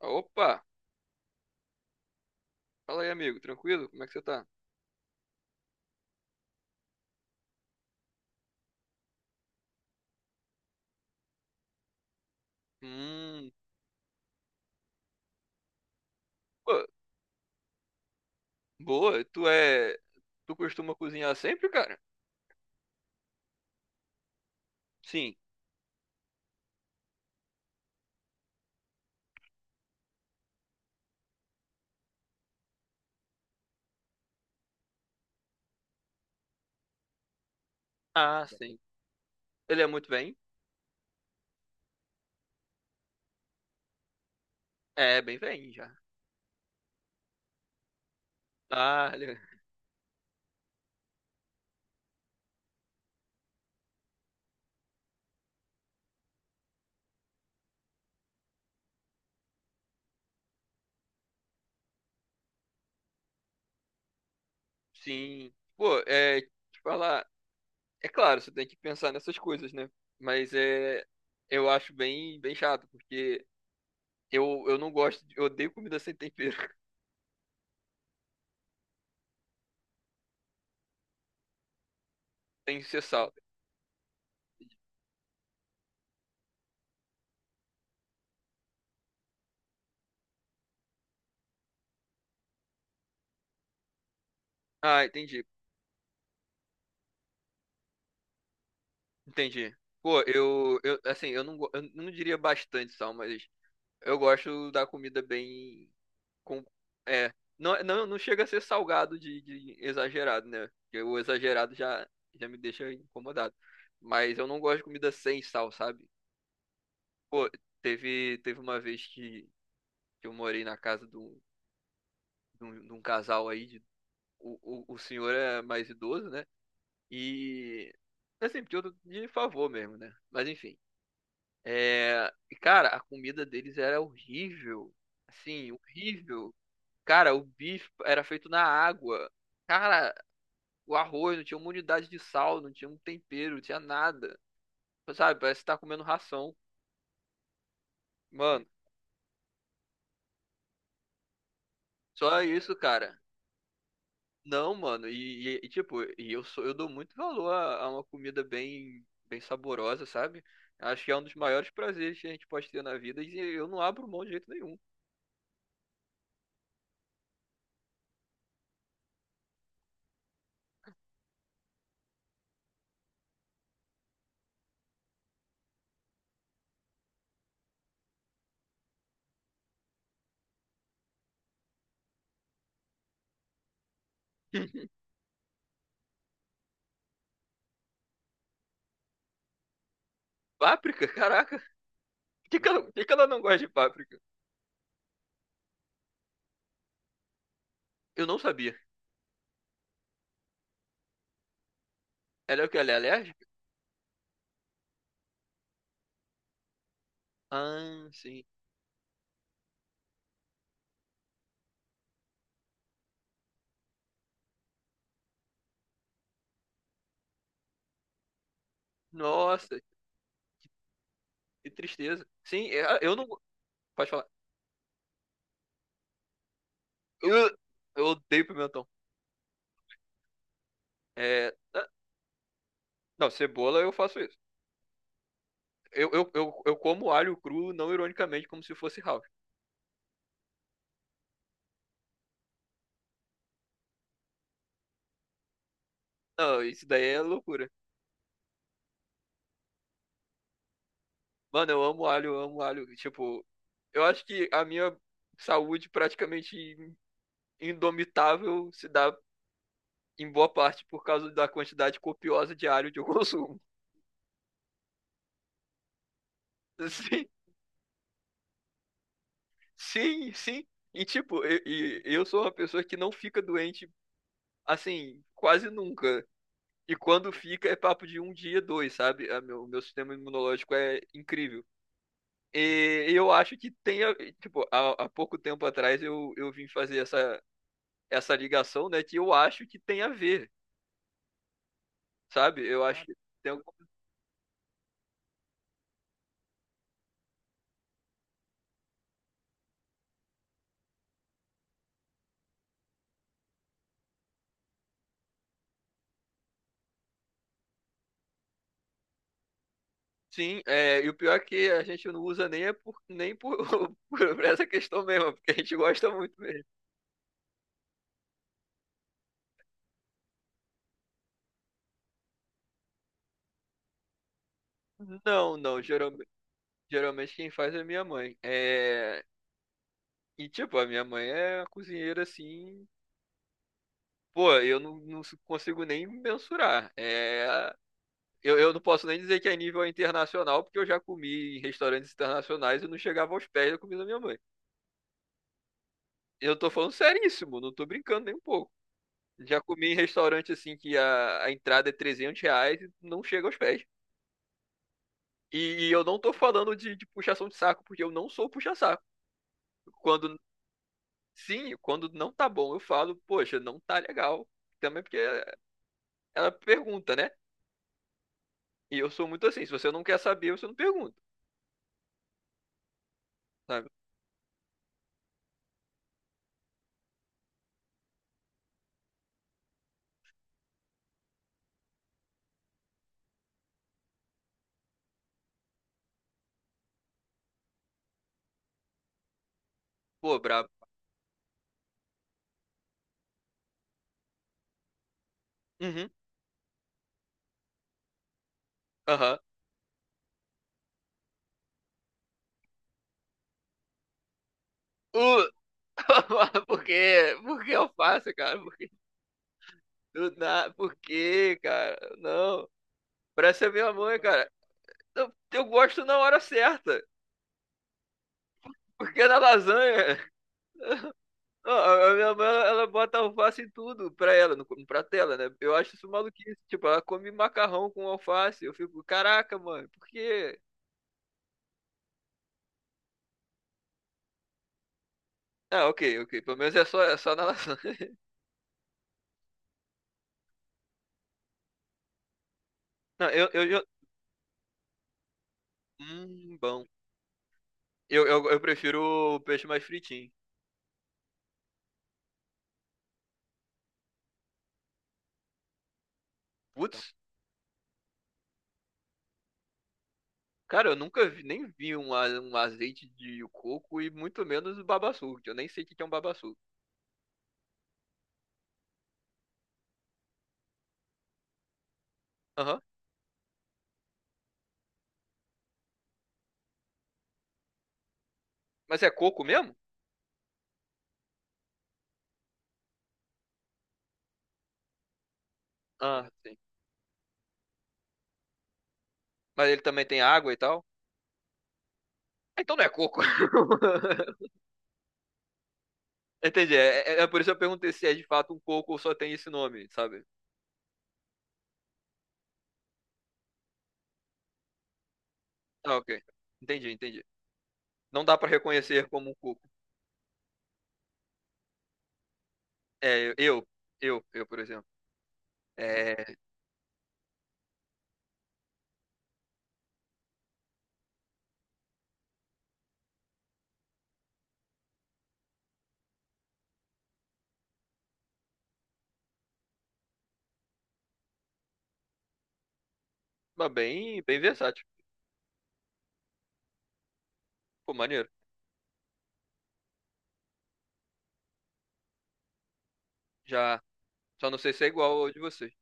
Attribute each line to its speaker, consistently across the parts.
Speaker 1: Opa! Fala aí, amigo. Tranquilo? Como é que você tá? Hum, pô, boa. Tu costuma cozinhar sempre, cara? Sim. Ah, sim. Ele é muito bem? É, bem bem já. Ah, sim. Pô, Te falar. É claro, você tem que pensar nessas coisas, né? Mas Eu acho bem, bem chato, porque eu não gosto Eu odeio comida sem tempero. Tem que ser sal. Ah, entendi. Entendi. Pô, eu assim, eu não diria bastante sal, mas Eu gosto da comida bem. Com... É. Não, não, não chega a ser salgado de exagerado, né? Porque o exagerado já me deixa incomodado. Mas eu não gosto de comida sem sal, sabe? Pô, teve uma vez que eu morei na casa de um, casal aí. O, o senhor é mais idoso, né? E. Assim, porque eu tô de favor mesmo, né? Mas enfim. Cara, a comida deles era horrível. Assim, horrível. Cara, o bife era feito na água. Cara, o arroz não tinha uma unidade de sal, não tinha um tempero, não tinha nada. Sabe, parece que tá comendo ração. Mano, só isso, cara. Não, mano, e, tipo, eu dou muito valor a uma comida bem, bem saborosa, sabe? Acho que é um dos maiores prazeres que a gente pode ter na vida e eu não abro mão de jeito nenhum. Páprica? Caraca, por que que ela não gosta de páprica? Eu não sabia. Ela é o que? Ela é alérgica? Ah, sim. Nossa, que tristeza. Sim, é, eu não. Pode falar. Eu, eu odeio pimentão. É, ah, não, cebola eu faço isso. Eu como alho cru, não ironicamente, como se fosse house. Não, isso daí é loucura. Mano, eu amo alho, eu amo alho. Tipo, eu acho que a minha saúde praticamente indomitável se dá em boa parte por causa da quantidade copiosa de alho que eu consumo. Sim, sim, sim. E tipo, eu sou uma pessoa que não fica doente assim, quase nunca. E quando fica, é papo de um dia, dois, sabe? O meu sistema imunológico é incrível. E eu acho que tem, tipo, há pouco tempo atrás eu vim fazer essa ligação, né? Que eu acho que tem a ver, sabe? Eu acho que tem algum. Sim, é, e o pior é que a gente não usa nem, nem por, por essa questão mesmo, porque a gente gosta muito mesmo. Não, não, geralmente quem faz é minha mãe. É, e, tipo, a minha mãe é uma cozinheira, assim, Pô, eu não consigo nem mensurar. É, eu não posso nem dizer que é nível internacional, porque eu já comi em restaurantes internacionais e não chegava aos pés da comida da minha mãe. Eu tô falando seríssimo, não tô brincando nem um pouco. Já comi em restaurante assim que a entrada é R$ 300 e não chega aos pés. E eu não tô falando de puxação de saco, porque eu não sou puxa-saco. Quando, sim, quando não tá bom, eu falo, poxa, não tá legal. Também porque ela pergunta, né? E eu sou muito assim, se você não quer saber, você não pergunta. Sabe? Pô, brabo. Uhum. Aham. Uh, por quê? Por que eu faço, cara? Por que, do na... por quê, cara? Não. Parece a minha mãe, cara. Eu gosto na hora certa. Porque é na lasanha, ó, a minha mãe, ela bota alface em tudo pra ela, no prato dela, né? Eu acho isso maluquice. Tipo, ela come macarrão com alface. Eu fico, caraca, mano, por quê? Ah, ok, ok. Pelo menos é só na lasanha. Não, eu. Bom. Eu prefiro o peixe mais fritinho. Putz. Cara, eu nunca nem vi um azeite de coco e muito menos o babaçu. Eu nem sei o que que é um babaçu. Aham. Mas é coco mesmo? Ah, sim. Mas ele também tem água e tal? Ah, então não é coco. Entendi. É por isso que eu perguntei se é de fato um coco ou só tem esse nome, sabe? Ah, ok. Entendi, entendi. Não dá pra reconhecer como um coco. É, eu, por exemplo. É, mas bem, bem versátil. Pô, maneiro. Já, só não sei se é igual ao de vocês.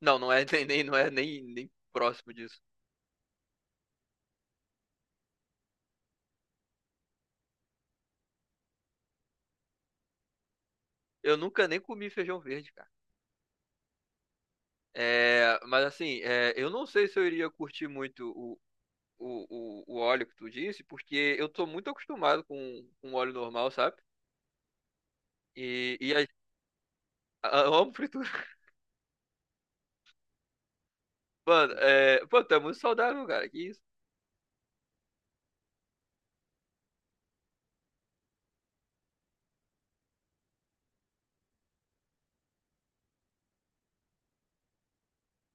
Speaker 1: Não, não é não é nem próximo disso. Eu nunca nem comi feijão verde, cara. É, mas assim, é, eu não sei se eu iria curtir muito o, óleo que tu disse, porque eu tô muito acostumado com óleo normal, sabe? E eu amo fritura. Mano, é, pô, tu é muito saudável, cara. Que isso?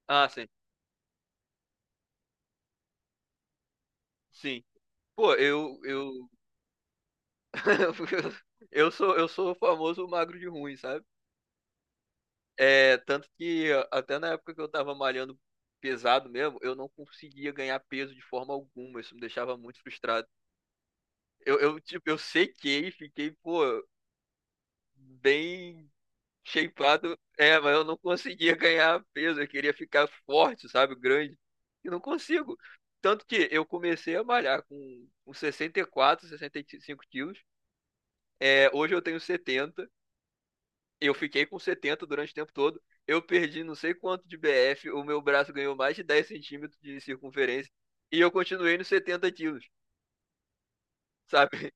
Speaker 1: Ah, sim. Sim. Pô, eu sou o famoso magro de ruim, sabe? É, tanto que até na época que eu tava malhando pesado mesmo, eu não conseguia ganhar peso de forma alguma. Isso me deixava muito frustrado. Tipo, eu sequei, fiquei, pô, bem shapeado. É, mas eu não conseguia ganhar peso. Eu queria ficar forte, sabe? Grande. E não consigo. Tanto que eu comecei a malhar com 64, 65 quilos. É, hoje eu tenho 70. Eu fiquei com 70 durante o tempo todo. Eu perdi não sei quanto de BF. O meu braço ganhou mais de 10 centímetros de circunferência. E eu continuei nos 70 quilos, sabe?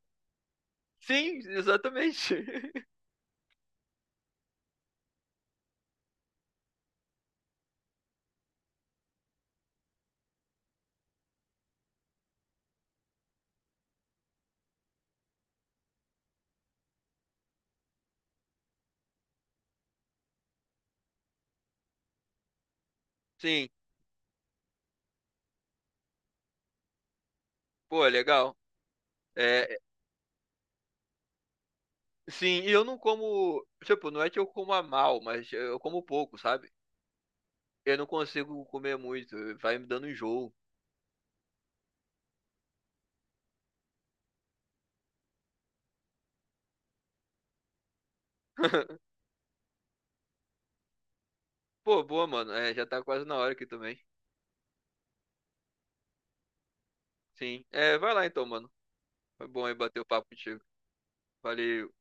Speaker 1: Sim, exatamente. Sim. Pô, legal. É, sim, e eu não como. Tipo, não é que eu coma mal, mas eu como pouco, sabe? Eu não consigo comer muito, vai me dando enjoo. Pô, boa, mano. É, já tá quase na hora aqui também. Sim. É, vai lá então, mano. Foi bom aí bater o papo contigo. Valeu.